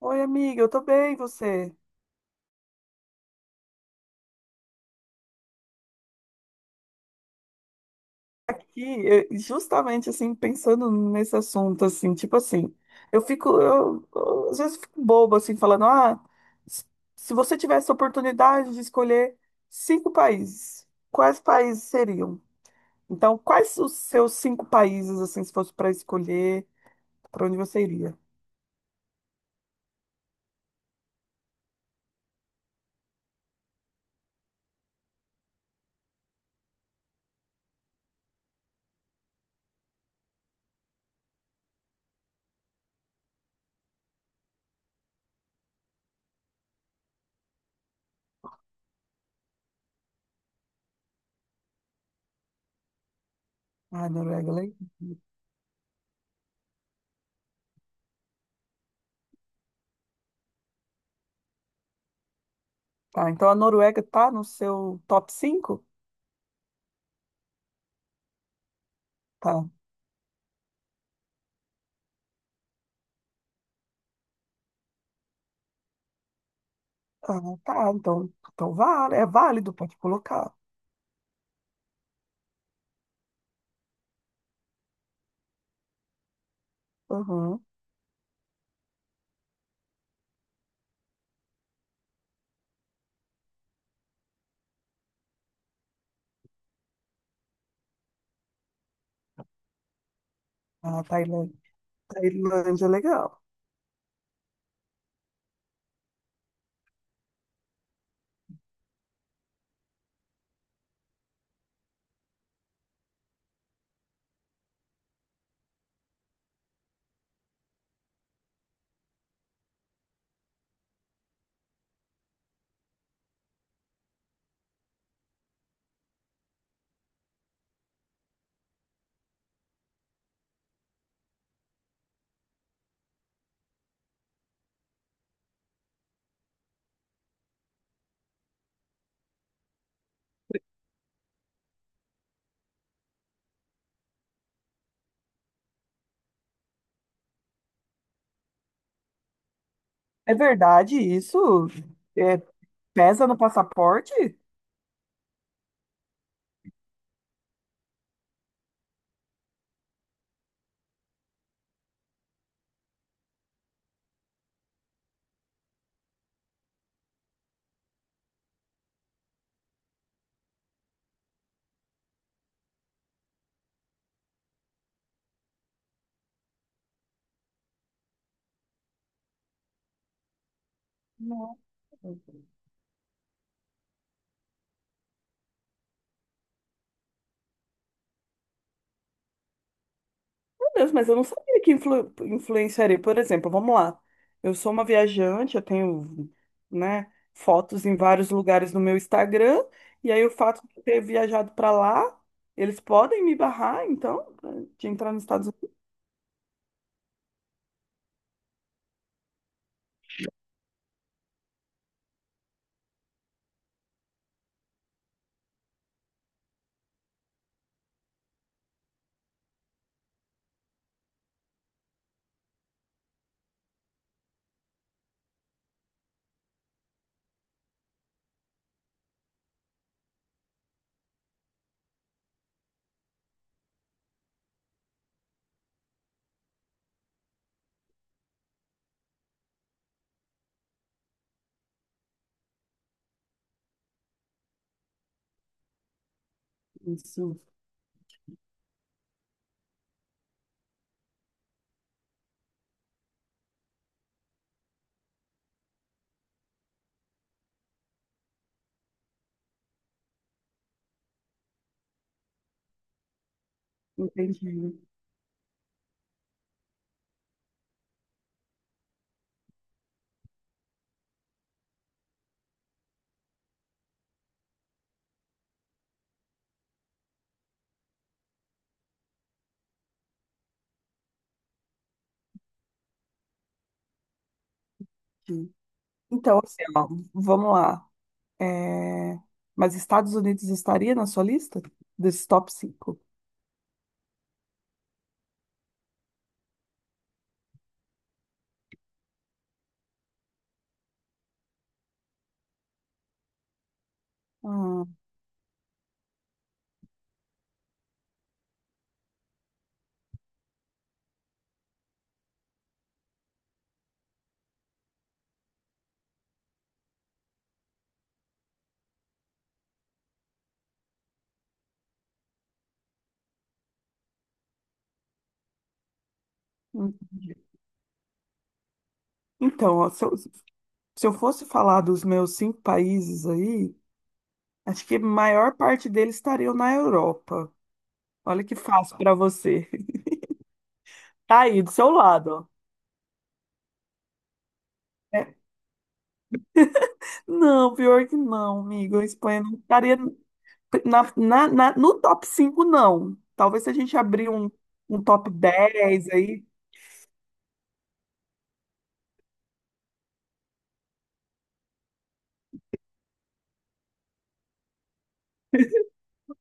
Oi, amiga, eu tô bem, e você? Aqui, justamente assim, pensando nesse assunto, assim, tipo assim, eu fico, eu, às vezes fico boba, assim, falando, ah, s- se você tivesse a oportunidade de escolher cinco países, quais países seriam? Então, quais os seus cinco países, assim, se fosse para escolher, para onde você iria? Ah, Noruega, legal. Tá, então a Noruega tá no seu top cinco? Tá, ah, tá, então vale, é válido, pode colocar. Ah, Tailândia, Tailândia, é legal. É verdade isso? É, pesa no passaporte? Não. Meu Deus, mas eu não sabia que influenciaria. Por exemplo, vamos lá. Eu sou uma viajante, eu tenho, né, fotos em vários lugares no meu Instagram, e aí o fato de eu ter viajado para lá, eles podem me barrar, então, de entrar nos Estados Unidos. Isso, entendi. Entendi. Então, assim, ó, vamos lá. É, mas Estados Unidos estaria na sua lista desses top 5? Ah, entendi. Então, ó, se eu fosse falar dos meus cinco países aí, acho que a maior parte deles estariam na Europa. Olha que fácil para você. Tá aí, do seu lado, ó. É. Não, pior que não, amigo. A Espanha não estaria no top 5 não. Talvez se a gente abrir um top 10 aí.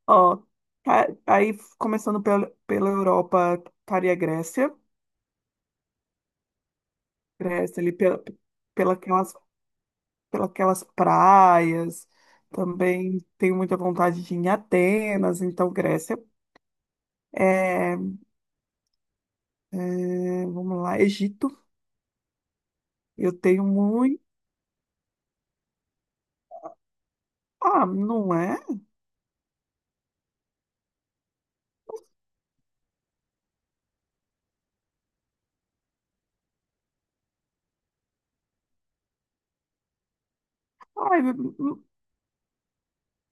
Ó, começando pela Europa, estaria a Grécia, Grécia ali pela aquelas, pela aquelas praias, também tenho muita vontade de ir em Atenas, então Grécia. É, vamos lá, Egito, eu tenho muito, ah, não é? Ai, não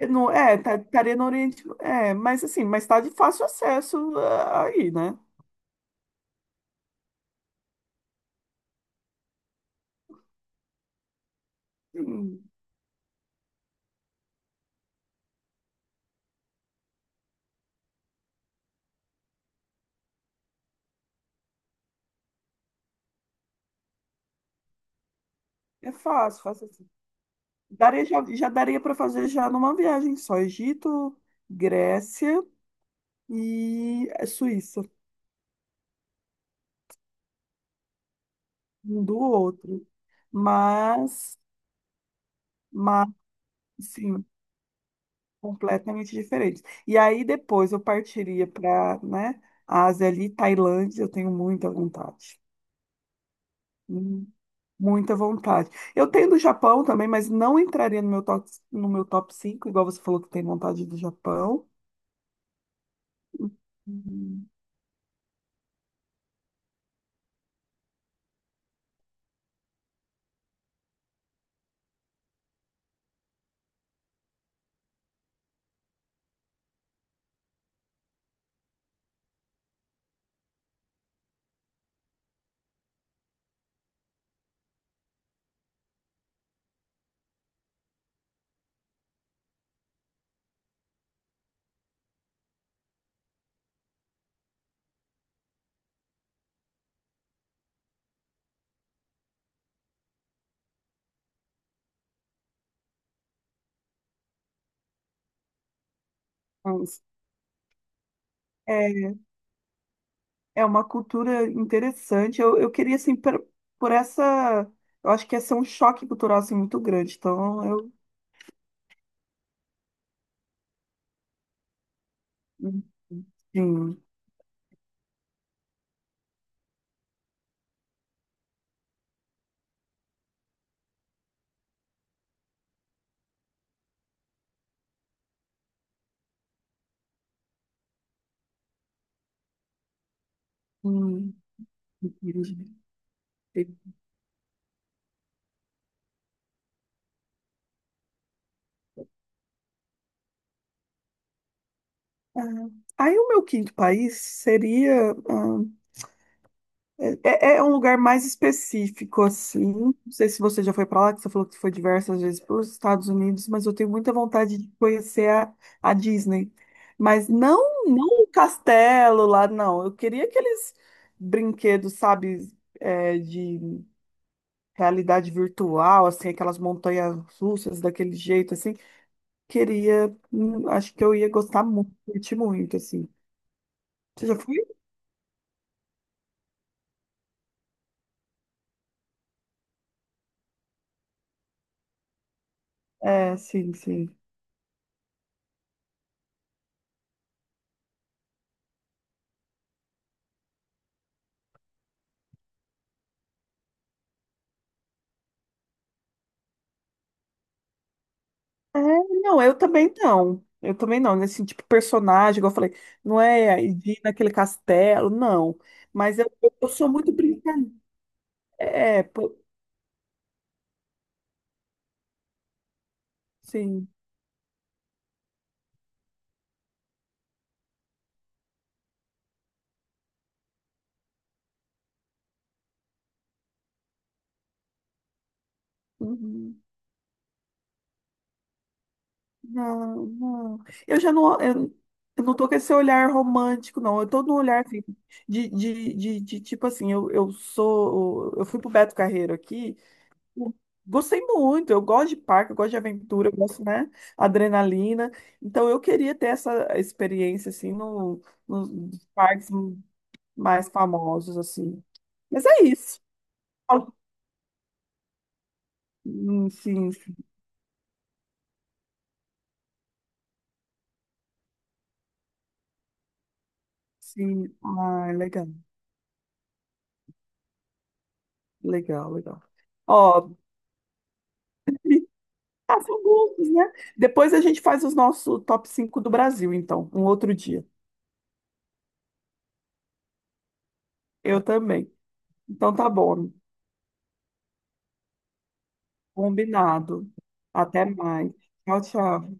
não- estaria no Oriente, é, mas assim, mas tá de fácil acesso ah, aí, né? Sim, é fácil, fácil. Daria, já, já daria para fazer já numa viagem só. Egito, Grécia e Suíça, um do outro. Mas, mas sim, completamente diferentes. E aí depois eu partiria para, né, Ásia ali, Tailândia, eu tenho muita vontade. Hum, Muita vontade. Eu tenho do Japão também, mas não entraria no meu top 5 igual você falou que tem vontade do Japão. Hum. Mas, é, é uma cultura interessante. Eu queria, assim, essa. Eu acho que ia ser um choque cultural assim, muito grande. Então, eu. Sim. Hum, entendi. Ah, aí, o meu quinto país seria. Ah, é um lugar mais específico, assim. Não sei se você já foi para lá, que você falou que foi diversas vezes para os Estados Unidos, mas eu tenho muita vontade de conhecer a Disney. Mas não, não o castelo lá, não. Eu queria aqueles brinquedos, sabe, é, de realidade virtual, assim, aquelas montanhas russas daquele jeito, assim. Queria, acho que eu ia gostar muito, curtir muito, assim. Você já foi? É, sim, sim. É, não, eu também não. Eu também não, nesse tipo de personagem, igual eu falei, não é de ir naquele castelo, não. Mas eu sou muito brincadeira. É, pô, sim. Uhum. Não, não. Eu já não, eu não tô com esse olhar romântico, não. Eu tô num olhar assim, de tipo assim, eu sou. Eu fui pro Beto Carreiro aqui. Gostei muito, eu gosto de parque, eu gosto de aventura, eu gosto, né, adrenalina. Então eu queria ter essa experiência assim no, nos parques mais famosos assim. Mas é isso. Sim, sim, sim. Ah, legal, legal, legal. Ó, ah, são gostos, né? Depois a gente faz os nossos top 5 do Brasil, então, um outro dia. Eu também. Então tá bom, combinado. Até mais. Tchau, tchau.